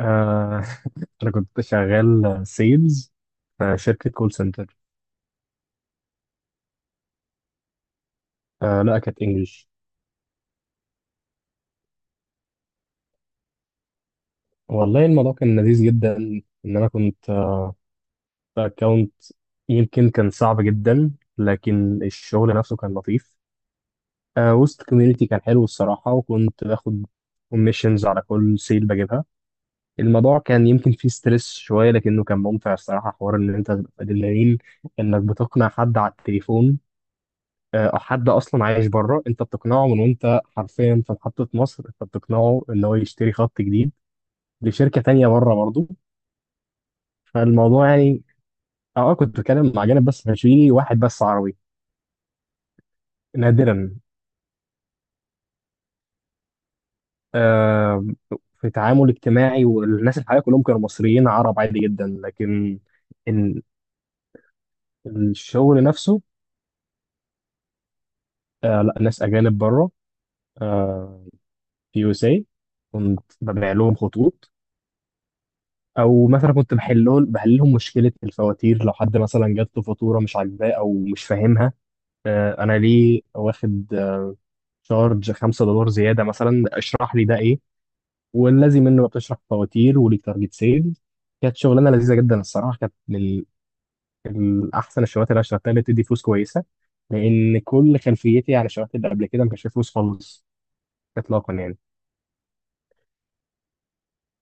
آه، أنا كنت شغال سيلز في شركة كول سنتر. لا كانت إنجلش. والله الموضوع كان لذيذ جدا، إن أنا كنت في أكونت، يمكن كان صعب جدا لكن الشغل نفسه كان لطيف. وسط كوميونيتي كان حلو الصراحة، وكنت باخد كوميشنز على كل سيل بجيبها. الموضوع كان يمكن فيه ستريس شوية لكنه كان ممتع الصراحة، حوار إن أنت تبقى أدرينالين، إنك بتقنع حد على التليفون. او حد اصلا عايش بره، انت بتقنعه من وانت حرفيا في محطه مصر، انت بتقنعه ان هو يشتري خط جديد لشركه تانية بره برضه. فالموضوع يعني، كنت بتكلم مع جانب بس ما كانش فيه واحد بس عربي. نادرا. آه. في تعامل اجتماعي، والناس الحقيقه كلهم كانوا مصريين عرب عادي جدا، لكن ال- الشغل نفسه. آه، لا ناس اجانب بره. آه. في يو اس اي كنت ببيع لهم خطوط، او مثلا كنت بحلهم مشكله الفواتير، لو حد مثلا جات له فاتوره مش عاجباه او مش فاهمها. انا ليه واخد شارج $5 زياده، مثلا اشرح لي ده ايه، والذي منه بتشرح فواتير وليك تارجت سيل. كانت شغلانه لذيذه جدا الصراحه، كانت من احسن الشغلات اللي انا اشتغلتها، اللي بتدي فلوس كويسه. لان كل خلفيتي عن الشغلات اللي قبل كده ما كانش فيها فلوس خالص. اطلاقا يعني.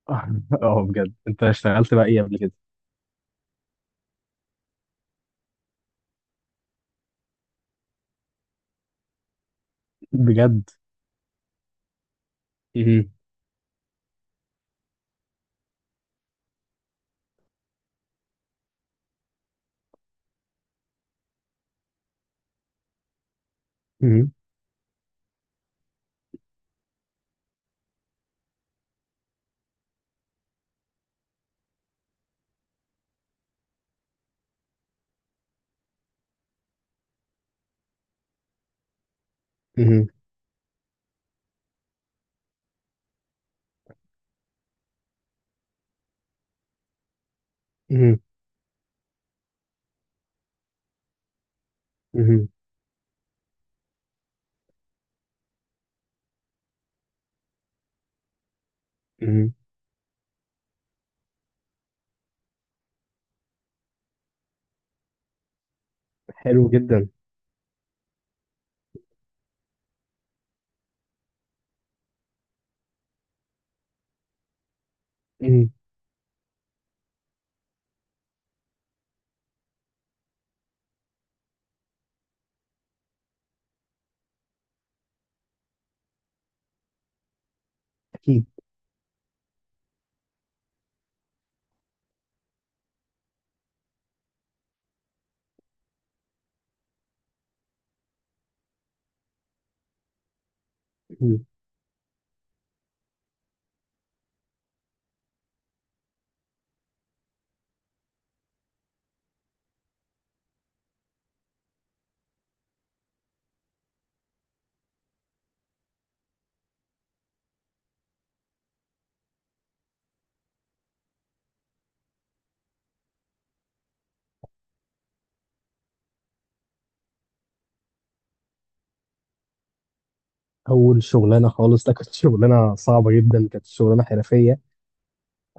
اه، بجد انت اشتغلت بقى ايه قبل كده؟ بجد. مهم. مهم. مهم. مهم. مم. حلو جدا. مم. اكيد. مم. اول شغلانه خالص ده كانت شغلانه صعبه جدا، كانت شغلانه حرفيه.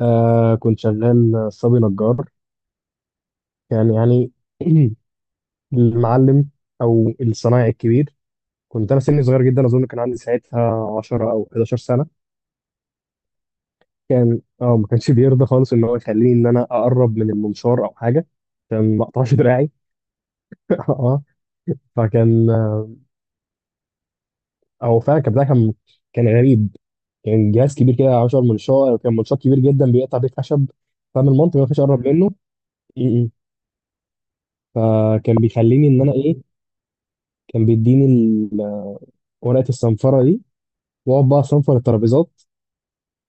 آه، كنت شغال صبي نجار. كان يعني المعلم او الصنايعي الكبير، كنت انا سني صغير جدا، اظن كان عندي ساعتها 10 او 11 سنه. كان ما كانش بيرضى خالص ان هو يخليني ان انا اقرب من المنشار او حاجه، عشان ما اقطعش دراعي. اه. فكان هو فعلا الكابتن، كان غريب. كان جهاز كبير كده، 10 منشار، كان منشار كبير جدا بيقطع بيه خشب. فاهم المنطق، ما فيش اقرب منه. م-م. فكان بيخليني ان انا ايه، كان بيديني ورقه الصنفره دي، واقعد بقى اصنفر الترابيزات،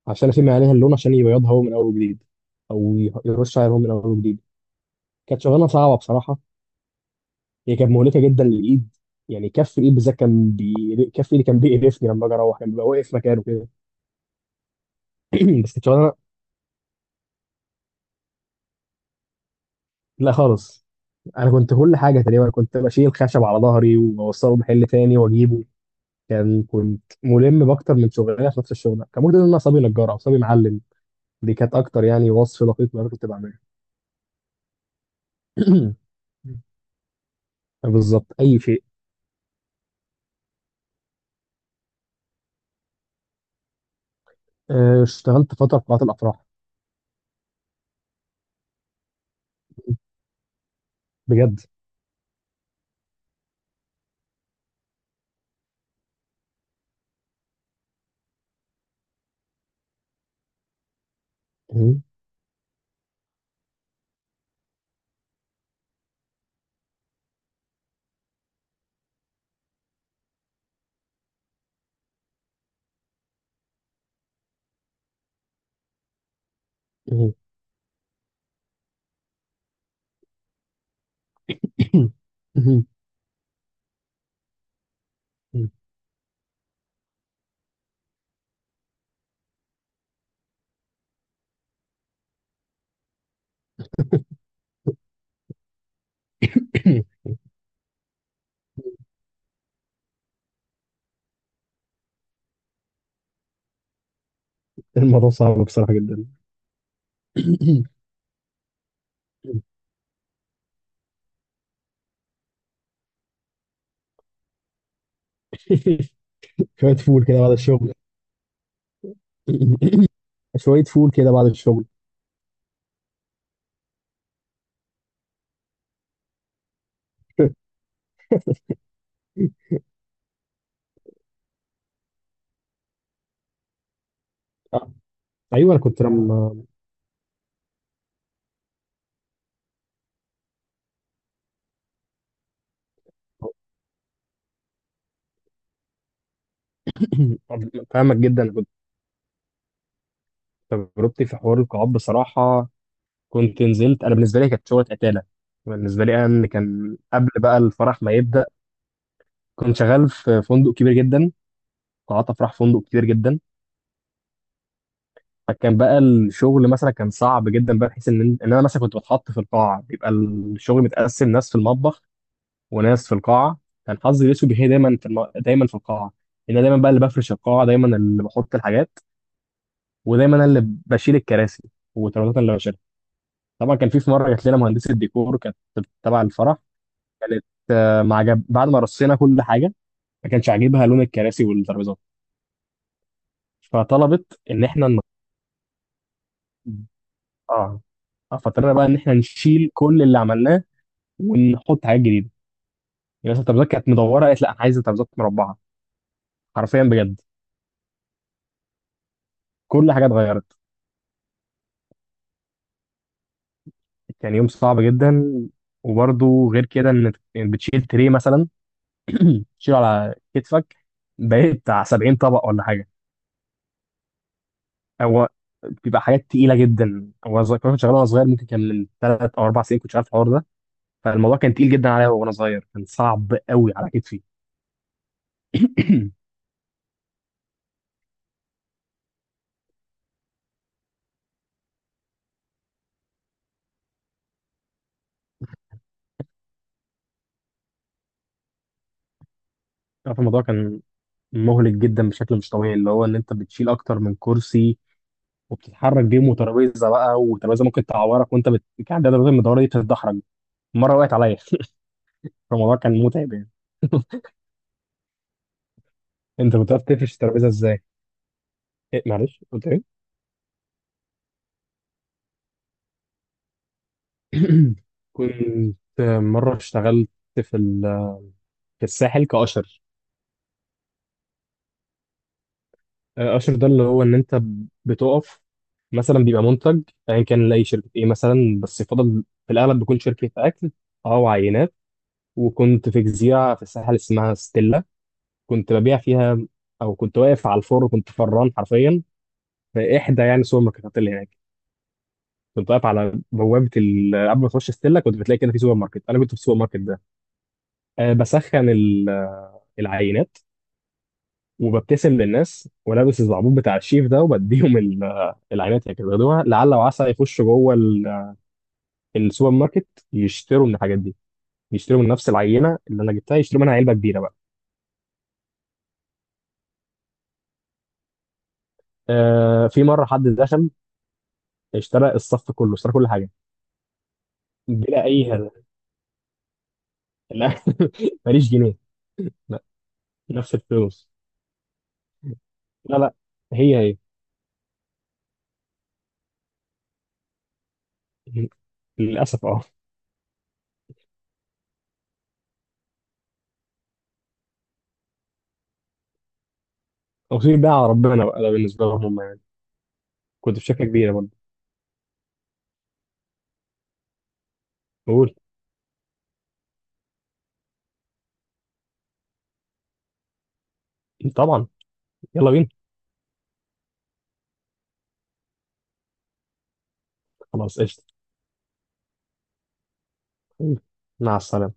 عشان افهم عليها اللون عشان يبيضها هو من اول وجديد، او يرش عليها هو من اول وجديد. كانت شغلانه صعبه بصراحه، هي كانت مهلكه جدا للايد، يعني كف الايد بالذات كان كف ايدي كان بيقرفني، لما اجي اروح كان بيبقى واقف مكانه كده. بس كانت شغلانه. لا خالص، انا كنت كل حاجه تقريبا، كنت بشيل خشب على ظهري واوصله محل تاني واجيبه. كنت ملم باكتر من شغلانه في نفس الشغل، كان ممكن ان انا صبي نجار او صبي معلم. دي كانت اكتر يعني وصف دقيق ما أنا كنت بعمله. بالظبط اي شيء. اشتغلت فتره في قاعات الافراح. بجد. الموضوع صعب بصراحه جدا. شويه فول كده بعد الشغل. شويه فول كده بعد الشغل. آه، ايوه انا كنت لما، فاهمك جدا كنت، تجربتي في حوار القاعات بصراحه، كنت نزلت انا بالنسبه لي كانت شغله قتاله، بالنسبه لي انا إن كان قبل بقى الفرح ما يبدا. كنت شغال في فندق كبير جدا، قاعات افراح فندق كبير جدا. فكان بقى الشغل مثلا كان صعب جدا بقى، بحيث ان انا مثلا كنت بتحط في القاعه، بيبقى الشغل متقسم ناس في المطبخ، وناس في القاعه. كان حظي الاسود هي دايما في القاعه، ان انا دايما بقى اللي بفرش القاعه، دايما اللي بحط الحاجات، ودايما انا اللي بشيل الكراسي وترابيزات اللي. طبعا كان في مره جات لنا مهندسه ديكور كانت تبع الفرح، كانت ما عجب بعد ما رصينا كل حاجه، ما كانش عاجبها لون الكراسي والترابيزات. فطلبت ان احنا ن... اه آه، فاضطرينا بقى ان احنا نشيل كل اللي عملناه ونحط حاجات جديده. يعني مثلا الترابيزات كانت مدوره، قالت لا، انا عايزه ترابيزات مربعه. حرفيا بجد، كل حاجه اتغيرت. كان يوم صعب جدا. وبرده غير كده، ان بتشيل تري مثلا تشيله على كتفك، بقيت بتاع 70 طبق ولا حاجه. هو بيبقى حاجات تقيله جدا، كنت شغال وانا صغير، ممكن كان من ثلاث او اربع سنين كنت شغال في الحوار ده. فالموضوع كان تقيل جدا عليا، وانا صغير كان صعب قوي على كتفي. عارف الموضوع كان مهلك جدا بشكل مش طبيعي، اللي هو ان انت بتشيل اكتر من كرسي، وبتتحرك بيه، وترابيزه بقى، وترابيزه ممكن تعورك، وانت كان عندها ترابيزه المدوره دي بتتدحرج، مره وقعت عليا فالموضوع كان متعب يعني. انت بتعرف تقفش الترابيزه ازاي؟ إيه معلش، قلت ايه؟ كنت مره اشتغلت في ال... في الساحل كاشر، اشر ده اللي هو ان انت بتقف، مثلا بيبقى منتج ايا كان لاي شركه ايه مثلا، بس يفضل في الاغلب بيكون شركه اكل، او عينات. وكنت في جزيره في الساحل اسمها ستيلا، كنت ببيع فيها. او كنت واقف على الفور، كنت فران حرفيا في احدى يعني السوبر ماركتات اللي هناك. كنت واقف على بوابه قبل ما تخش ستيلا كنت بتلاقي كده في سوبر ماركت، انا كنت في السوبر ماركت ده. أه بسخن العينات، وببتسم للناس، ولابس الزعبوط بتاع الشيف ده، وبديهم العينات، هي كده بياخدوها لعل وعسى يخشوا جوه السوبر ماركت، يشتروا من الحاجات دي، يشتروا من نفس العينه اللي انا جبتها، يشتروا منها علبه كبيره بقى. آه، في مره حد دخل، اشترى الصف كله، اشترى كل حاجه، بلا اي هدف. لا ماليش جنيه. لا، نفس الفلوس. لا، لا، هي، هي، للاسف اه. توصيل بقى على ربنا بقى، ده بالنسبه لهم هم يعني. كنت في شركه كبيره برضه. قول. طبعا، يلا بينا. خلاص قشطه. مع السلامة.